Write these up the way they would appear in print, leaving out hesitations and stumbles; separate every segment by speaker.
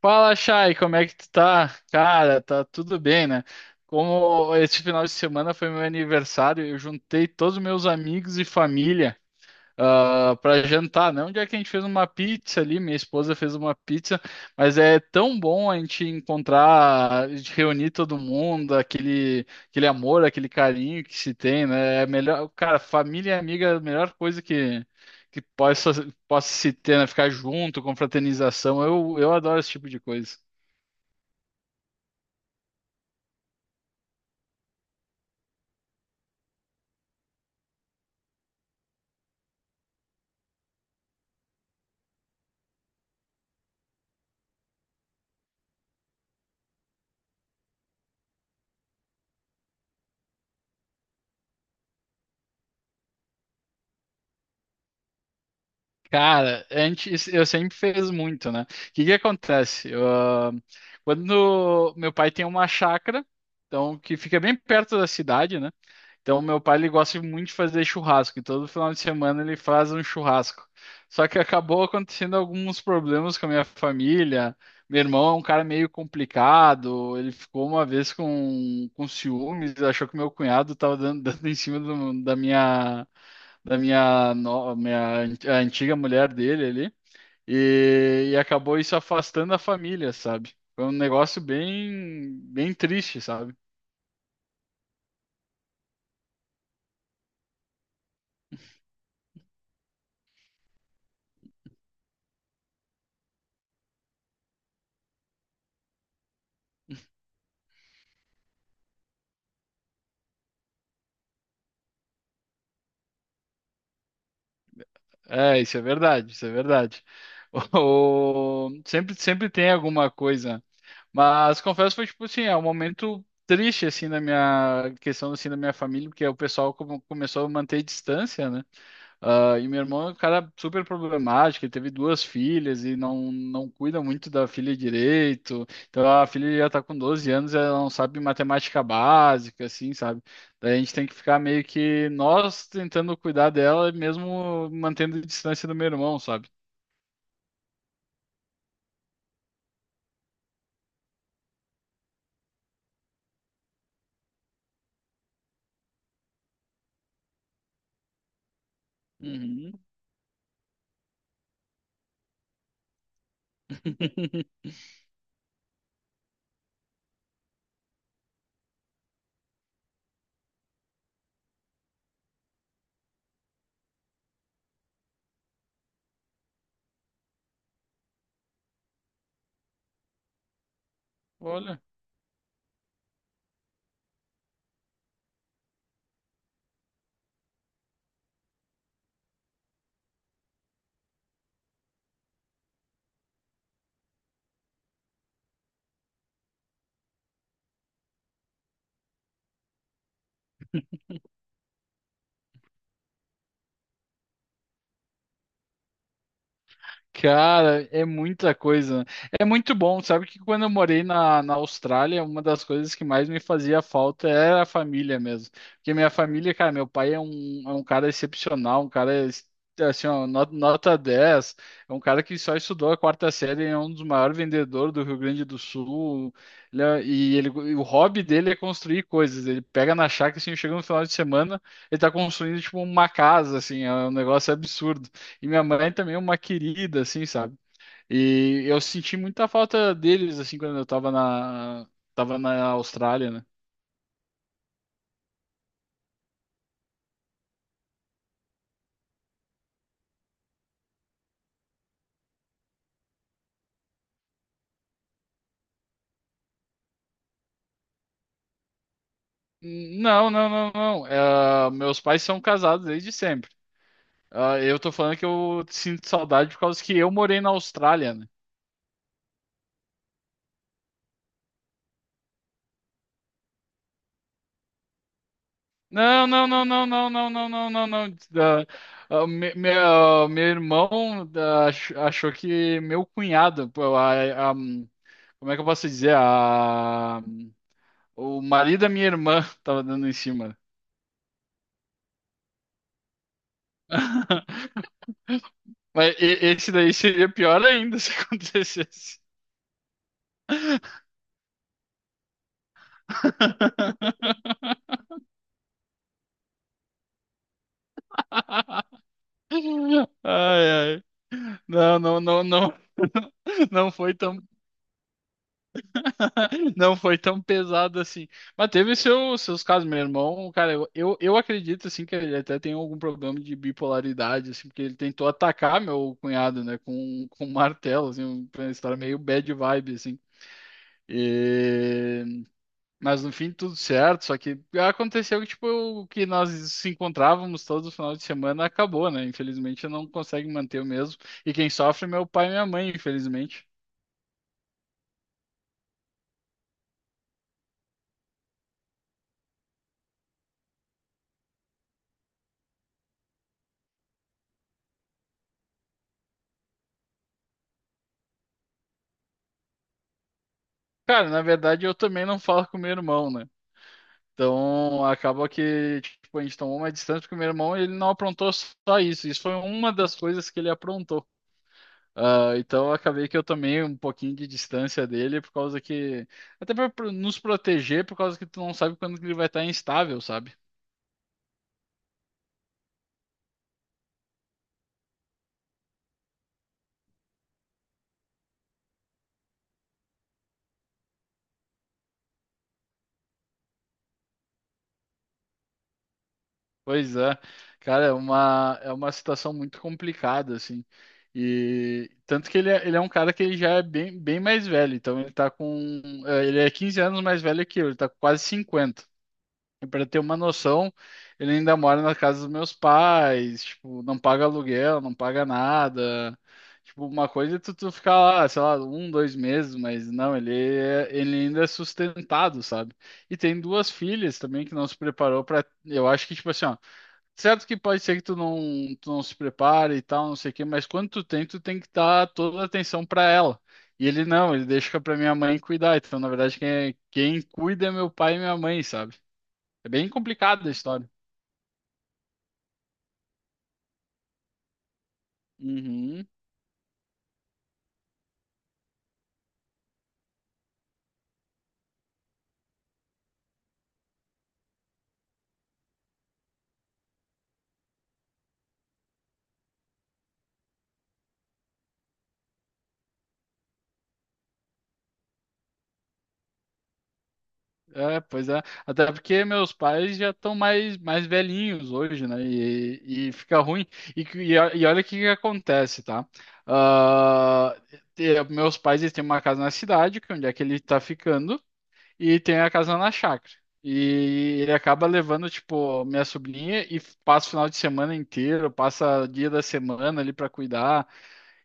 Speaker 1: Fala, Chay, como é que tu tá? Cara, tá tudo bem, né? Como esse final de semana foi meu aniversário, eu juntei todos os meus amigos e família para jantar, né? Um dia que a gente fez uma pizza ali, minha esposa fez uma pizza, mas é tão bom a gente encontrar, a gente reunir todo mundo, aquele amor, aquele carinho que se tem, né? É melhor, cara, família e amiga é a melhor coisa que possa se ter, né? Ficar junto, confraternização. Eu adoro esse tipo de coisa. Cara, antes eu sempre fiz muito, né? O que que acontece? Quando meu pai tem uma chácara, então que fica bem perto da cidade, né? Então meu pai ele gosta muito de fazer churrasco, e todo final de semana ele faz um churrasco. Só que acabou acontecendo alguns problemas com a minha família. Meu irmão é um cara meio complicado, ele ficou uma vez com ciúmes, achou que meu cunhado estava dando, dando em cima do- da minha, no- minha an- a antiga mulher dele ali, e acabou isso afastando a família, sabe? Foi um negócio bem triste, sabe? É, isso é verdade, isso é verdade. Sempre tem alguma coisa, mas confesso que foi tipo assim, é um momento triste assim na minha questão assim da minha família, porque o pessoal começou a manter distância, né? E meu irmão é um cara super problemático, ele teve duas filhas e não cuida muito da filha direito. Então a filha já tá com 12 anos, ela não sabe matemática básica, assim, sabe? Daí a gente tem que ficar meio que nós tentando cuidar dela, mesmo mantendo a distância do meu irmão, sabe? Uhum. Olha. Cara, é muita coisa. É muito bom. Sabe que quando eu morei na Austrália, uma das coisas que mais me fazia falta era a família mesmo. Porque minha família, cara, meu pai é é um cara excepcional, assim, ó, nota 10. É um cara que só estudou a quarta série, é um dos maiores vendedores do Rio Grande do Sul. Ele é- e ele, e o hobby dele é construir coisas. Ele pega na chácara, assim, chega no final de semana, ele tá construindo, tipo, uma casa, assim, é um negócio absurdo. E minha mãe também é uma querida, assim, sabe? E eu senti muita falta deles, assim, quando eu tava na Austrália, né? Não, não, não, não. Meus pais são casados desde sempre. Ah, eu tô falando que eu sinto saudade por causa que eu morei na Austrália, né? Não, não, não, não, não, não, não, não, não, não. Meu irmão achou que meu cunhado, pô, como é que eu posso dizer? O marido da minha irmã tava dando em cima. Mas esse daí seria pior ainda se acontecesse. Ai, ai. Não, não, não, não. Não foi tão, não foi tão pesado assim. Mas teve seus casos, meu irmão. Cara, eu acredito assim que ele até tem algum problema de bipolaridade, assim, porque ele tentou atacar meu cunhado, né, com um martelo, assim, uma história meio bad vibe, assim. E... Mas no fim tudo certo, só que aconteceu que tipo o que nós se encontrávamos todo final de semana acabou, né? Infelizmente eu não consigo manter o mesmo. E quem sofre é meu pai e minha mãe, infelizmente. Cara, na verdade eu também não falo com meu irmão, né? Então acaba que tipo a gente tomou uma distância porque meu irmão ele não aprontou só isso. Isso foi uma das coisas que ele aprontou. Ah, então eu acabei que eu tomei um pouquinho de distância dele por causa que. Até pra pro- nos proteger, por causa que tu não sabe quando que ele vai estar instável, sabe? Pois é. Cara, é uma situação muito complicada, assim. E tanto que ele é um cara que ele já é bem mais velho. Então ele tá com. Eh, ele é 15 anos mais velho que eu, ele tá com quase 50. Para ter uma noção, ele ainda mora na casa dos meus pais, tipo, não paga aluguel, não paga nada. Tipo, uma coisa é tu ficar lá, sei lá, um, 2 meses, mas não, ele ainda é sustentado, sabe? E tem duas filhas também que não se preparou para, eu acho que tipo assim, ó, certo que pode ser que tu não se prepare e tal, não sei o quê, mas tu tem que dar toda a atenção para ela. E ele não, ele deixa pra minha mãe cuidar. Então, na verdade, quem cuida é meu pai e minha mãe, sabe? É bem complicada a história. Uhum. É, pois é. Até porque meus pais já estão mais velhinhos hoje, né? E fica ruim. E olha o que que acontece, tá? Ah, Meus pais eles têm uma casa na cidade, que é onde é que ele tá ficando, e tem a casa na chácara. E ele acaba levando, tipo, minha sobrinha e passa o final de semana inteiro, passa dia da semana ali para cuidar.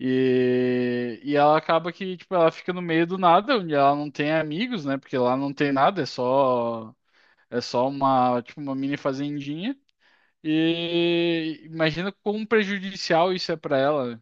Speaker 1: E ela acaba que, tipo, ela fica no meio do nada, onde ela não tem amigos, né? Porque lá não tem nada, é só uma, tipo, uma mini fazendinha. E imagina quão prejudicial isso é pra ela.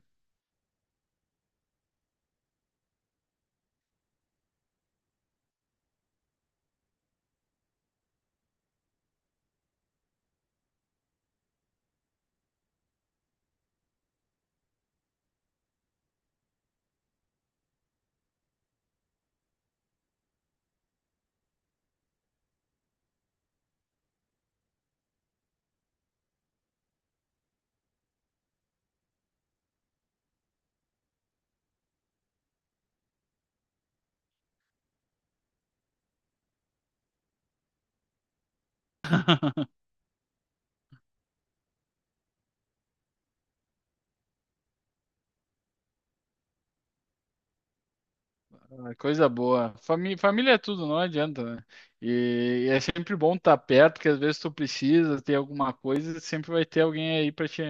Speaker 1: Né? É coisa boa. Família é tudo, não adianta, né? E é sempre bom estar perto, porque às vezes tu precisa ter alguma coisa, sempre vai ter alguém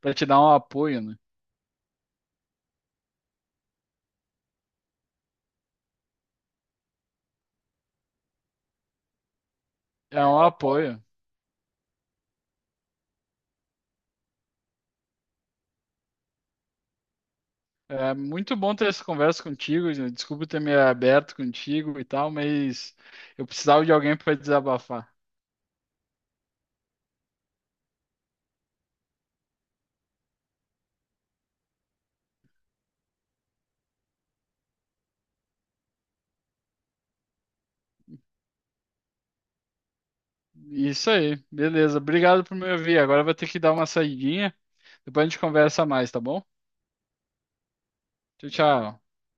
Speaker 1: para te dar um apoio, né? É um apoio. É muito bom ter essa conversa contigo, Jean. Desculpa ter me aberto contigo e tal, mas eu precisava de alguém para desabafar. Isso aí, beleza. Obrigado por me ouvir. Agora eu vou ter que dar uma saidinha. Depois a gente conversa mais, tá bom? Tchau, tchau.